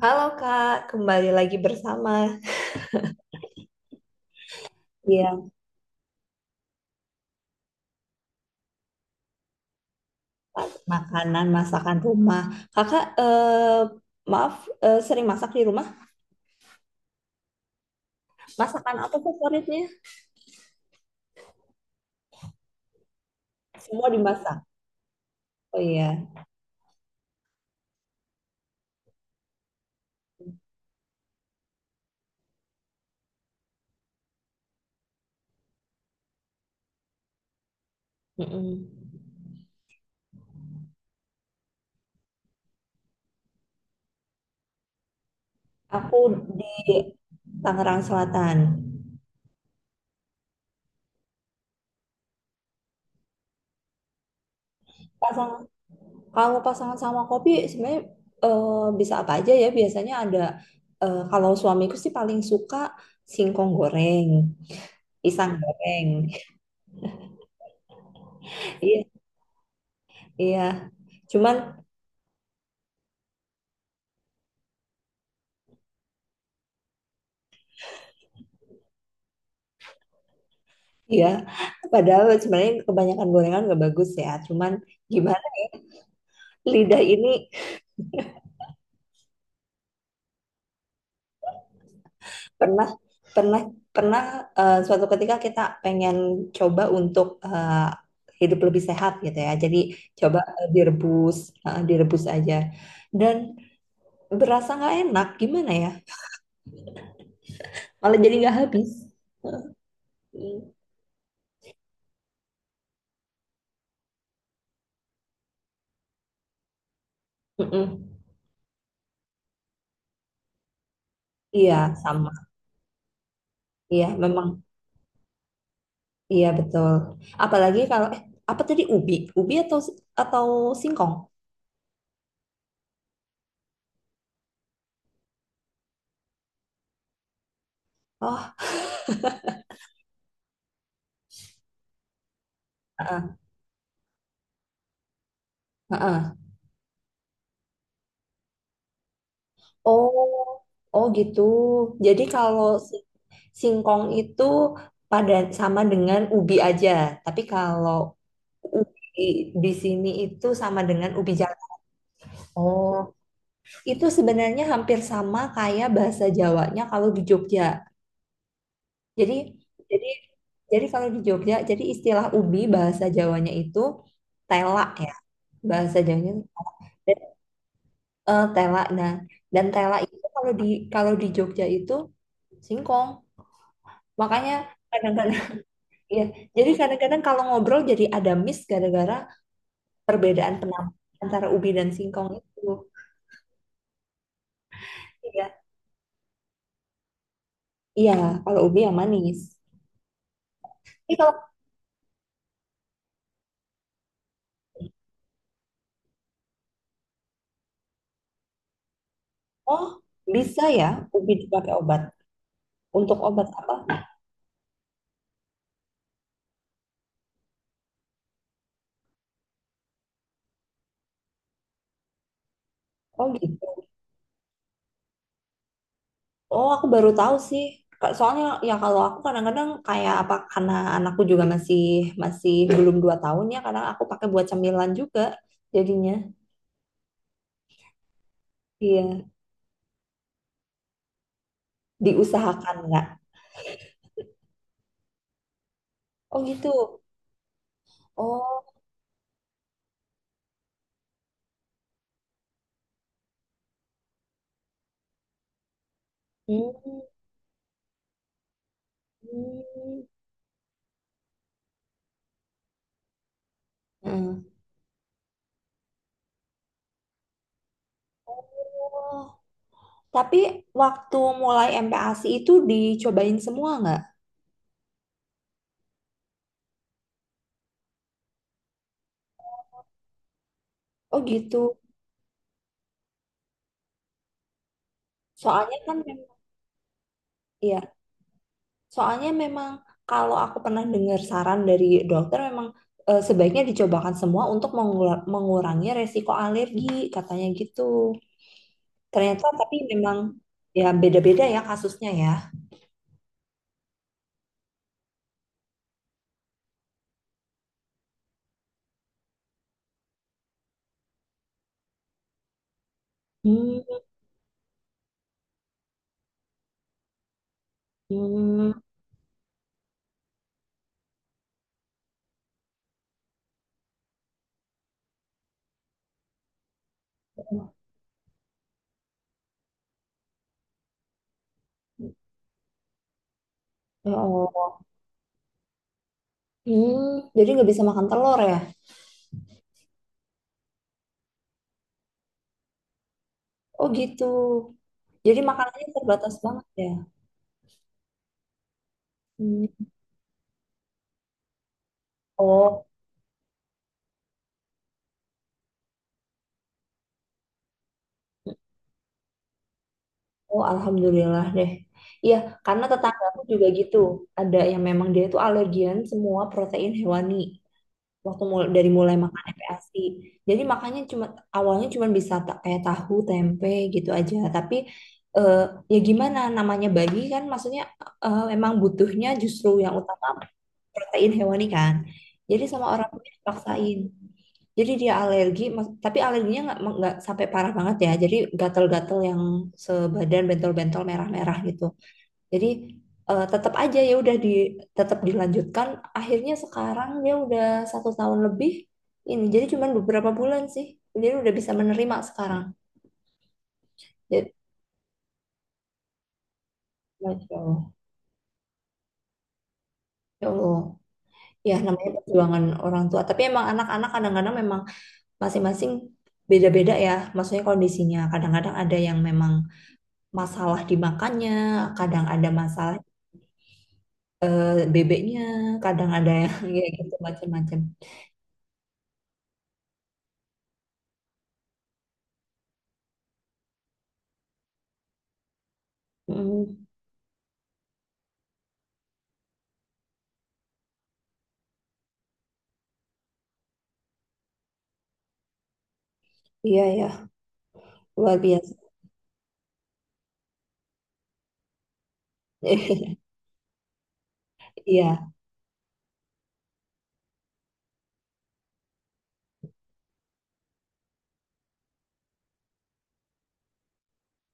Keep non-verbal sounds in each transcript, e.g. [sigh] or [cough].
Halo Kak, kembali lagi bersama yang makanan masakan rumah. Kakak, maaf, sering masak di rumah? Masakan apa favoritnya? Semua dimasak. Oh iya. Mm-mm. Aku di Tangerang Selatan. Pasang, Kalau pasangan sama kopi sebenarnya bisa apa aja ya. Biasanya ada, kalau suamiku sih paling suka singkong goreng, pisang goreng. Iya, iya. Cuman iya, padahal sebenarnya kebanyakan gorengan nggak bagus ya. Cuman gimana lidah ini pernah pernah pernah eh, suatu ketika kita pengen coba untuk hidup lebih sehat gitu ya. Jadi coba direbus, direbus aja. Dan berasa nggak enak, gimana ya? Malah jadi nggak habis. Mm. Mm-mm. Iya, sama. Iya, memang. Iya betul. Apalagi kalau apa tadi ubi, ubi atau si-, atau singkong? Oh, eh, heeh. Oh, oh gitu. Jadi kalau singkong itu pada sama dengan ubi aja, tapi kalau ubi di sini itu sama dengan ubi jalar. Oh, itu sebenarnya hampir sama kayak bahasa Jawanya kalau di Jogja. Jadi, jadi, jadi kalau di Jogja, jadi istilah ubi bahasa Jawanya itu tela ya, bahasa Jawanya itu tela. Nah, dan tela itu kalau di Jogja itu singkong. Makanya kadang-kadang [laughs] ya. Jadi kadang-kadang kalau ngobrol jadi ada miss gara-gara perbedaan penampilan antara ubi dan singkong itu. Iya. Iya, kalau ubi yang manis. Tapi kalau oh, bisa ya ubi dipakai obat. Untuk obat apa? Oh gitu. Oh, aku baru tahu sih. Soalnya ya kalau aku kadang-kadang kayak apa karena anakku juga masih masih belum 2 tahun ya, kadang aku pakai buat cemilan juga jadinya. Iya, diusahakan nggak? Oh gitu. Oh, hmm. Hmm. Mm. Oh, tapi waktu mulai MPASI itu dicobain semua nggak? Oh gitu. Soalnya kan memang, ya. Soalnya memang kalau aku pernah dengar saran dari dokter memang sebaiknya dicobakan semua untuk mengurangi resiko alergi, katanya gitu. Ternyata tapi memang ya beda-beda ya kasusnya ya. Hmm, hmm, ya Allah. Hmm, jadi nggak bisa makan telur ya? Oh gitu. Jadi makanannya terbatas banget ya. Hmm. Oh, oh alhamdulillah deh. Iya, karena tetanggaku juga gitu. Ada yang memang dia itu alergian semua protein hewani. Waktu dari mulai makan FPASI. Jadi makannya awalnya cuma bisa kayak tahu, tempe gitu aja. Tapi eh, ya gimana namanya bayi kan maksudnya emang butuhnya justru yang utama protein hewani kan. Jadi sama orang tuanya dipaksain. Jadi dia alergi, tapi alerginya nggak sampai parah banget ya. Jadi gatel-gatel yang sebadan bentol-bentol merah-merah gitu. Jadi tetap aja ya udah tetap dilanjutkan. Akhirnya sekarang dia udah 1 tahun lebih ini. Jadi cuman beberapa bulan sih. Jadi udah bisa menerima sekarang. Jadi, Masya Allah. Ya Allah. Ya namanya perjuangan orang tua. Tapi emang anak-anak kadang-kadang memang masing-masing beda-beda ya, maksudnya kondisinya. Kadang-kadang ada yang memang masalah di makannya, kadang ada masalah eh, bebeknya, kadang ada yang [laughs] ya gitu macam-macam. Mm, iya ya, luar biasa. [laughs] Iya,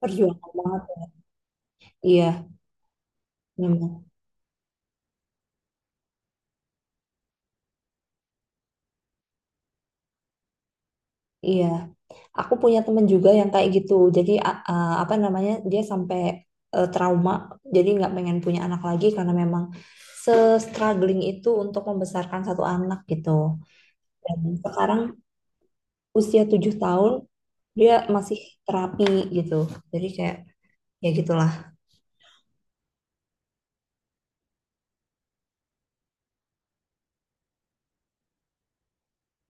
perjuangan banget. Iya, memang. Iya, aku punya temen juga yang kayak gitu. Jadi apa namanya? Dia sampai trauma, jadi nggak pengen punya anak lagi karena memang se-struggling itu untuk membesarkan satu anak gitu. Dan sekarang usia 7 tahun dia masih terapi gitu jadi kayak ya gitulah.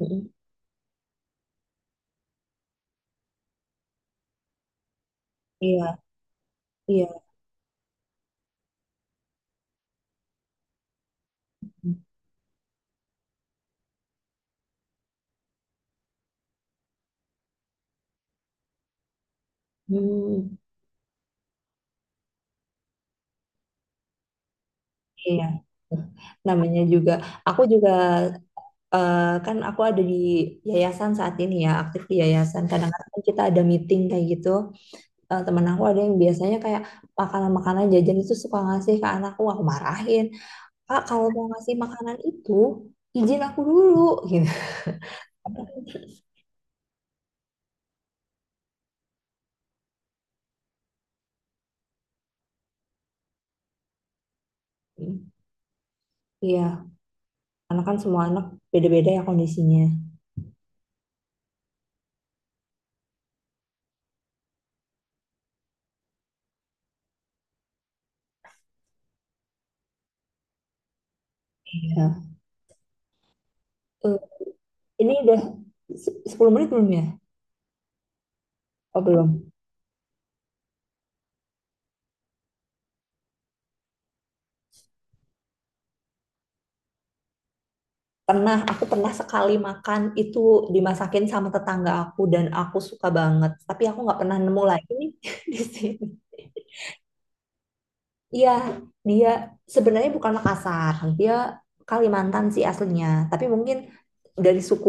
Mm-mm. Iya iya. Hmm, iya namanya juga aku juga kan aku ada di yayasan saat ini ya aktif di yayasan kadang-kadang kita ada meeting kayak gitu. Eh, temen aku ada yang biasanya kayak makanan-makanan jajan itu suka ngasih ke anakku aku marahin kak kalau mau ngasih makanan itu izin aku dulu gitu. Iya karena kan semua anak beda-beda ya kondisinya. Iya. Eh, ini udah 10 menit belum ya? Oh belum. Pernah, aku pernah sekali makan itu dimasakin sama tetangga aku dan aku suka banget. Tapi aku nggak pernah nemu lagi nih [laughs] di sini. Iya, dia sebenarnya bukan Makassar, dia Kalimantan sih aslinya. Tapi mungkin dari suku,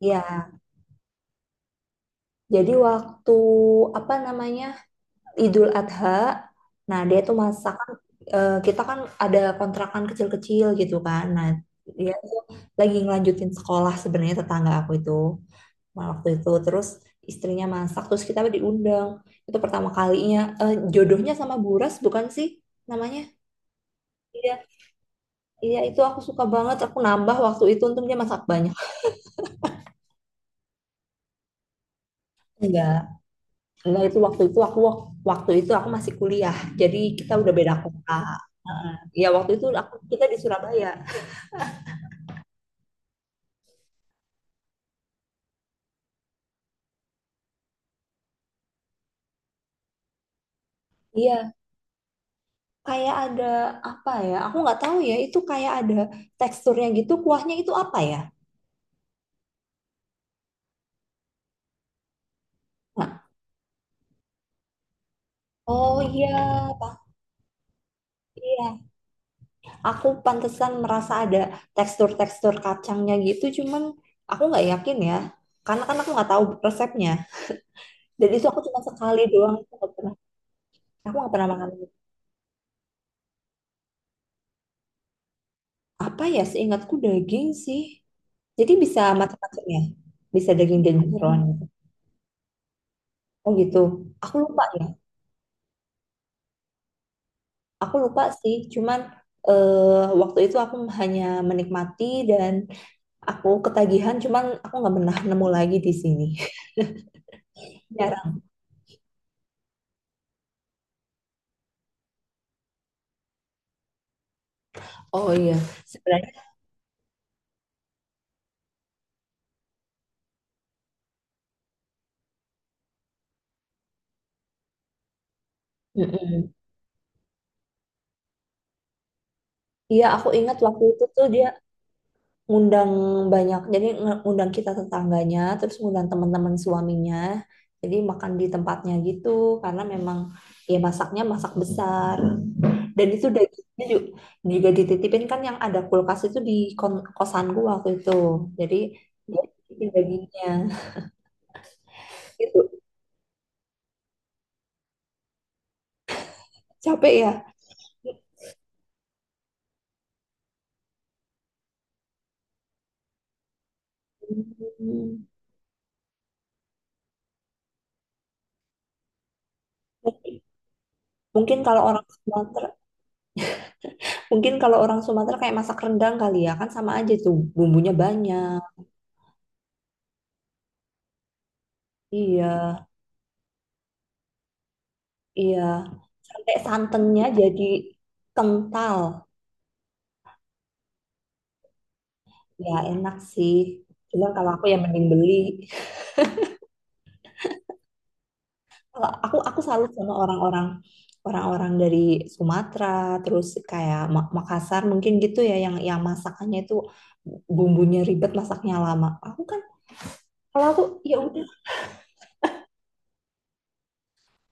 iya. Jadi waktu apa namanya? Idul Adha. Nah, dia tuh masakan kita kan ada kontrakan kecil-kecil gitu kan. Nah, dia tuh lagi ngelanjutin sekolah sebenarnya tetangga aku itu. Nah, waktu itu terus istrinya masak terus kita diundang. Itu pertama kalinya. Eh, jodohnya sama Buras bukan sih namanya? Iya, iya itu aku suka banget. Aku nambah waktu itu untung dia masak banyak. Enggak, enggak itu waktu itu aku masih kuliah. Jadi kita udah beda kota. Heeh. Ya waktu itu aku kita di Surabaya. Iya, kayak ada apa ya? Aku nggak tahu ya. Itu kayak ada teksturnya gitu. Kuahnya itu apa ya? Nah, oh iya, Pak. Iya, aku pantesan merasa ada tekstur-tekstur kacangnya gitu. Cuman aku nggak yakin ya, karena kan aku nggak tahu resepnya. Dan itu aku cuma sekali doang. Aku nggak pernah. Aku nggak pernah makan apa ya? Seingatku daging sih. Jadi bisa macam-macam ya. Bisa daging dan jeroan gitu. Oh gitu. Aku lupa ya. Aku lupa sih, cuman waktu itu aku hanya menikmati dan aku ketagihan, cuman aku nggak pernah nemu lagi di sini. [laughs] Jarang. Oh iya, sebenarnya. Mm-mm. Iya, aku ingat waktu itu tuh dia ngundang banyak, jadi ngundang kita tetangganya, terus ngundang teman-teman suaminya. Jadi makan di tempatnya gitu, karena memang ya masaknya masak besar. Dan itu juga, dititipin kan yang ada kulkas itu di kosanku waktu itu. Jadi dia titipin dagingnya [laughs] gitu. Capek ya. Hmm. Mungkin kalau orang Sumatera, mungkin kalau orang Sumatera kayak masak rendang kali ya kan sama aja tuh bumbunya banyak. Iya, iya. Sampai santannya jadi kental. Ya enak sih. Cuma kalau aku ya mending beli. Kalau aku salut sama orang-orang dari Sumatera terus kayak Makassar mungkin gitu ya yang masakannya itu bumbunya ribet masaknya lama aku kan kalau aku ya udah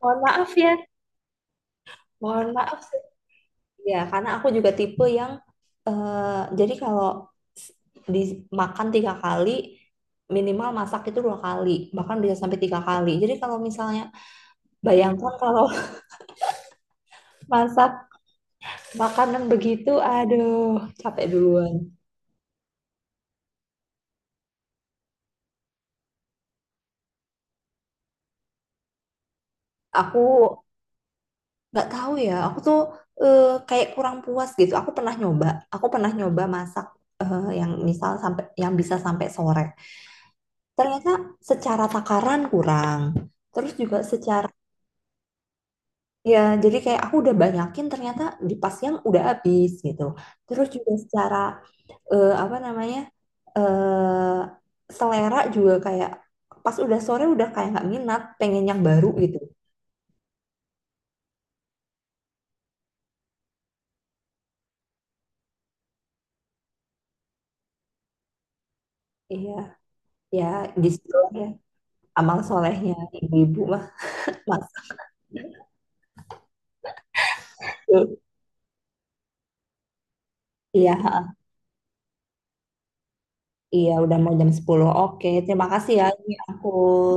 mohon maaf ya mohon maaf sih. Ya karena aku juga tipe yang jadi kalau s- dimakan 3 kali minimal masak itu 2 kali bahkan bisa sampai 3 kali jadi kalau misalnya bayangkan kalau [laughs] masak makanan begitu aduh capek duluan aku nggak tahu ya aku tuh eh, kayak kurang puas gitu aku pernah nyoba masak yang misal sampai yang bisa sampai sore ternyata secara takaran kurang terus juga secara ya jadi kayak aku udah banyakin ternyata di pas yang udah habis gitu terus juga secara apa namanya eh selera juga kayak pas udah sore udah kayak nggak minat pengen yang baru gitu iya ya di situ ya amal solehnya ibu-ibu mah mas. Iya, iya udah mau jam 10. Oke, terima kasih ya. Ini aku